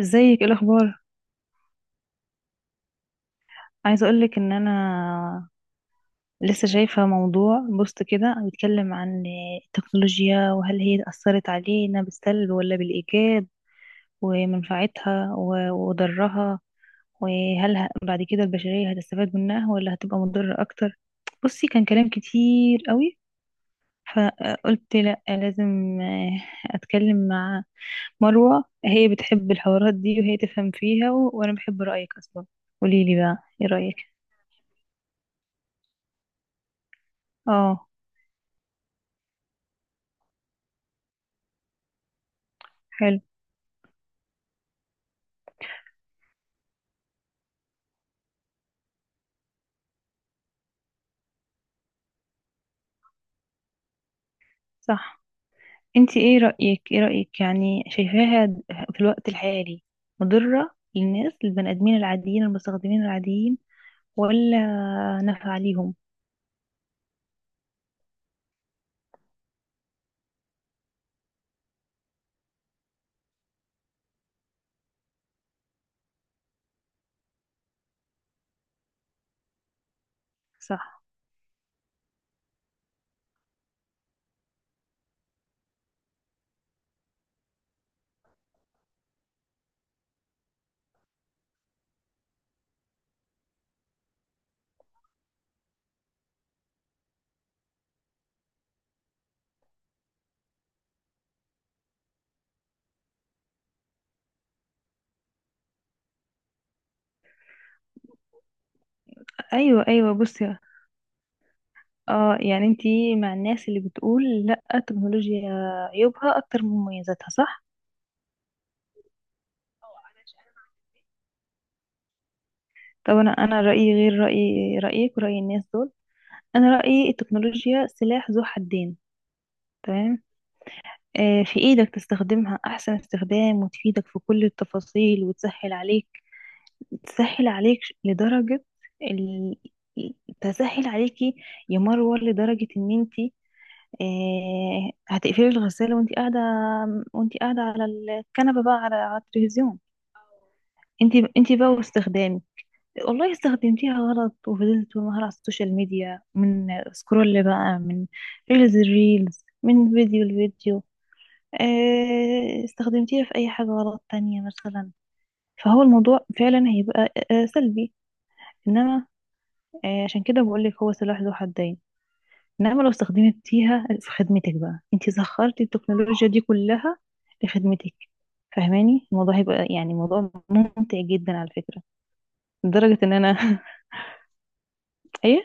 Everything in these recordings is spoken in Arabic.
ازيك؟ ايه الاخبار؟ عايزه اقولك ان انا لسه شايفه موضوع بوست كده بيتكلم عن التكنولوجيا وهل هي اثرت علينا بالسلب ولا بالايجاب ومنفعتها وضرها. وهل بعد كده البشريه هتستفاد منها ولا هتبقى مضره اكتر. بصي، كان كلام كتير قوي، فقلت لا لازم اتكلم مع مروه، هي بتحب الحوارات دي وهي تفهم فيها وانا بحب رايك اصلا. قوليلي بقى ايه رايك. اه، حلو، صح. انت ايه رأيك؟ يعني شايفاها في الوقت الحالي مضرة للناس، للبني ادمين العاديين، المستخدمين العاديين، ولا نافعة ليهم؟ صح، ايوه ايوه. بصي، اه، يعني انت مع الناس اللي بتقول لا التكنولوجيا عيوبها اكتر من مميزاتها، صح؟ طب انا رأيي غير رأيك ورأي الناس دول. انا رأيي التكنولوجيا سلاح ذو حدين. تمام، في إيدك تستخدمها أحسن استخدام وتفيدك في كل التفاصيل وتسهل عليك. تسهل عليك لدرجة ال... تسهل عليكي يا مروة لدرجة إن أنتي، هتقفلي الغسالة وأنتي قاعدة. على الكنبة بقى، على التلفزيون. أنتي بقى واستخدامك، والله استخدمتيها غلط وفضلت طول النهار على السوشيال ميديا. من سكرول بقى، من الريلز، من الفيديو، استخدمتيها في أي حاجة غلط تانية مثلا، فهو الموضوع فعلا هيبقى سلبي. إنما عشان كده بقولك هو سلاح ذو حدين، إنما لو استخدمتيها في خدمتك بقى، أنت سخرتي التكنولوجيا دي كلها لخدمتك، فاهماني؟ الموضوع هيبقى يعني موضوع ممتع جدا على فكرة، لدرجة إن أنا إيه،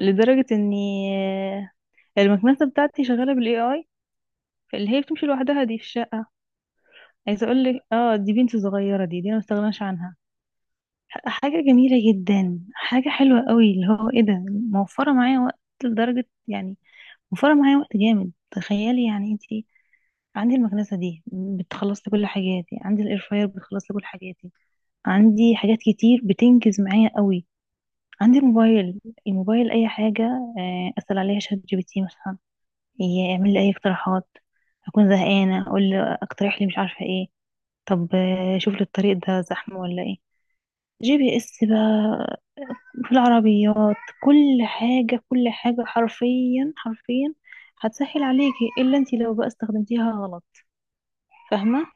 لدرجة إني آه، المكنسة بتاعتي شغالة بالAI، اللي هي بتمشي لوحدها دي في الشقة. عايزة اقول لك، اه دي بنت صغيرة، دي انا ما استغناش عنها. حاجة جميلة جدا، حاجة حلوة قوي اللي هو ايه ده. موفرة معايا وقت لدرجة يعني، موفرة معايا وقت جامد. تخيلي يعني انتي، عندي المكنسة دي بتخلص لي كل حاجاتي، عندي الاير فراير بتخلص لي كل حاجاتي، عندي حاجات كتير بتنجز معايا قوي. عندي الموبايل، اي حاجة اسأل عليها ChatGPT مثلا، يعمل لي اي اقتراحات. اكون زهقانة اقول له اقترح لي مش عارفة ايه. طب شوف لي الطريق ده زحمة ولا ايه، GPS بقى في العربيات. كل حاجة، كل حاجة حرفيا، حرفيا هتسهل عليكي، إلا انتي لو بقى استخدمتيها غلط. فاهمة؟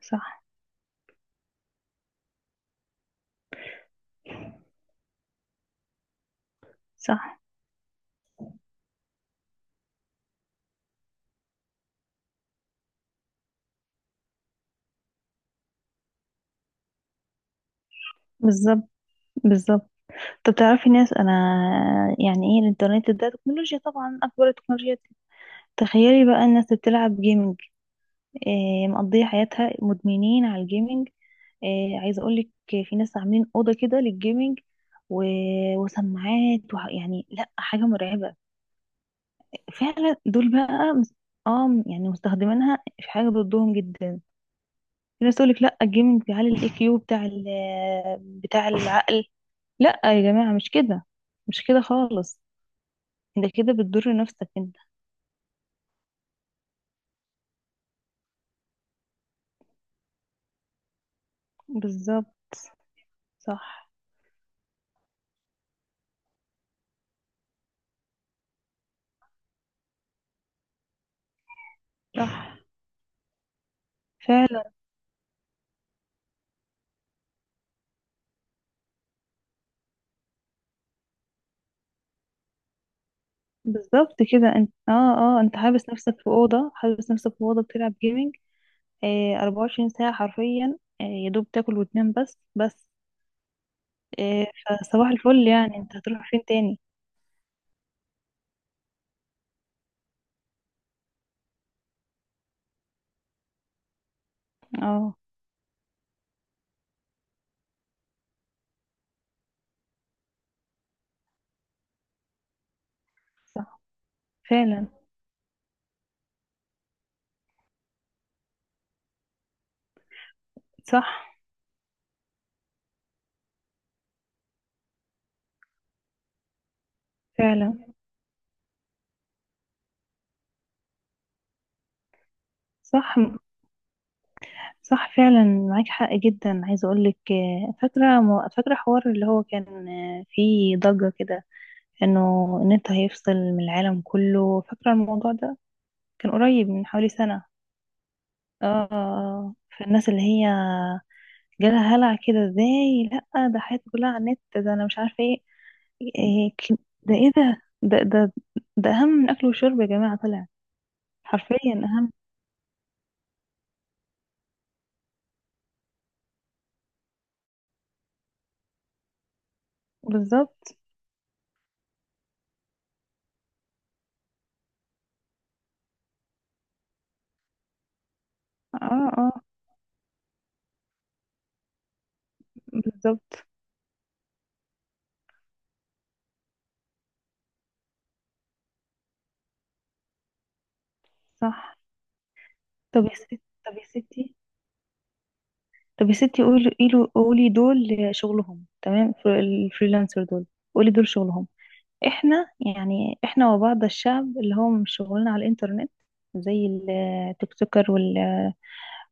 صح، صح، بالظبط، بالظبط. طب تعرفي ناس، أنا يعني إيه الإنترنت ده تكنولوجيا طبعا، أكبر التكنولوجيا. تخيلي بقى الناس اللي بتلعب جيمنج، إيه، مقضية حياتها مدمنين على الجيمنج. إيه، عايزة أقولك، في ناس عاملين أوضة كده للجيمنج و... وسماعات يعني لأ، حاجة مرعبة. فعلا دول بقى اه يعني مستخدمينها في حاجه ضدهم جدا. في ناس تقولك لا الجيمنج بيعلي الIQ بتاع ال آه، بتاع العقل. لا يا جماعه، مش كده، مش كده خالص. انت كده بتضر نفسك انت. بالظبط، صح، صح فعلا. بالظبط كده، انت اه. اه انت حابس نفسك في اوضه، بتلعب جيمنج، 24 ساعه حرفيا، يا دوب تاكل وتنام بس بس. آه فصباح الفل يعني، انت هتروح فين تاني؟ اه، صح فعلا. صح فعلا. صح، صح فعلا، معاك حق جدا. عايزه اقول لك، فاكره حوار اللي هو كان فيه ضجه كده، انه النت هيفصل من العالم كله، فاكره الموضوع ده؟ كان قريب من حوالي سنه. اه، فالناس اللي هي جالها هلع كده، ازاي؟ لا ده حياتي كلها على النت ده، انا مش عارفه ايه. إيه ده، ايه ده، ده، ده اهم من الاكل والشرب يا جماعه، طلع حرفيا اهم. بالظبط، اه، اه، بالظبط، صح. طب يا ستي طب يا ستي طب يا ستي، قولي، قولي، قولي دول شغلهم، تمام؟ الفريلانسر دول، قولي دول شغلهم، احنا يعني، وبعض الشعب اللي هو مش شغلنا على الانترنت، زي التيك توكر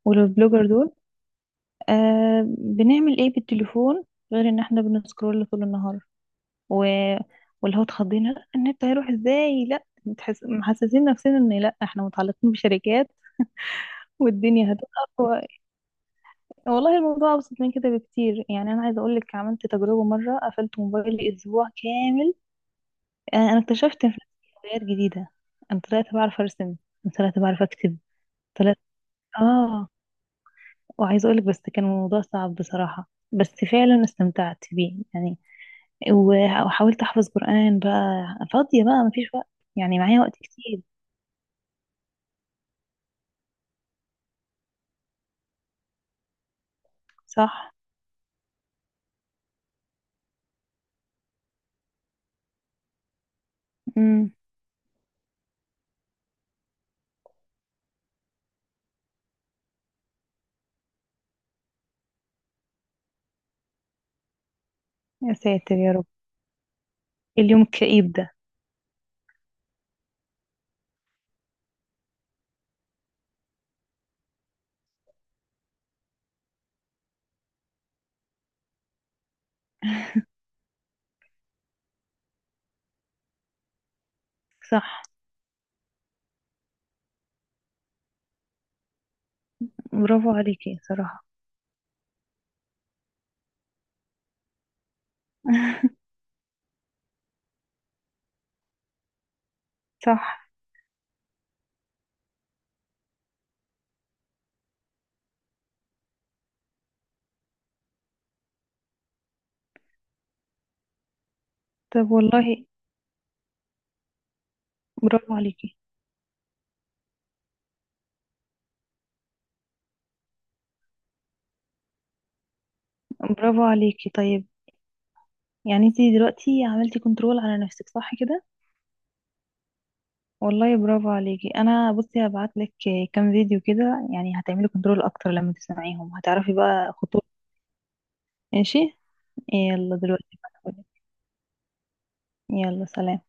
والبلوجر دول، بنعمل ايه بالتليفون غير ان احنا بنسكرول طول النهار؟ و... واللي هو اتخضينا "لا، النت هيروح ازاي"، لا محسسين نفسنا ان لا، احنا متعلقين بشركات والدنيا هتقف. والله الموضوع أبسط من كده بكتير، يعني أنا عايزة أقولك، عملت تجربة مرة قفلت موبايلي أسبوع كامل. أنا اكتشفت في نفسي هوايات جديدة. أنا طلعت بعرف أرسم، طلعت بعرف أكتب، طلعت آه وعايزة أقولك بس كان الموضوع صعب بصراحة، بس فعلا استمتعت بيه يعني. وحاولت أحفظ قرآن بقى، فاضية بقى مفيش وقت، يعني معايا وقت كتير. صح. امم. يا ساتر يا رب، اليوم الكئيب ده. صح. برافو عليكي صراحة. صح. طب والله، برافو عليكي، برافو عليكي، طيب يعني انتي دلوقتي عملتي كنترول على نفسك، صح كده؟ والله برافو عليكي. انا بصي، هبعت لك كام فيديو كده، يعني هتعملي كنترول اكتر، لما تسمعيهم هتعرفي بقى خطوط. ماشي. يلا دلوقتي بقى هقولك. يلا سلام.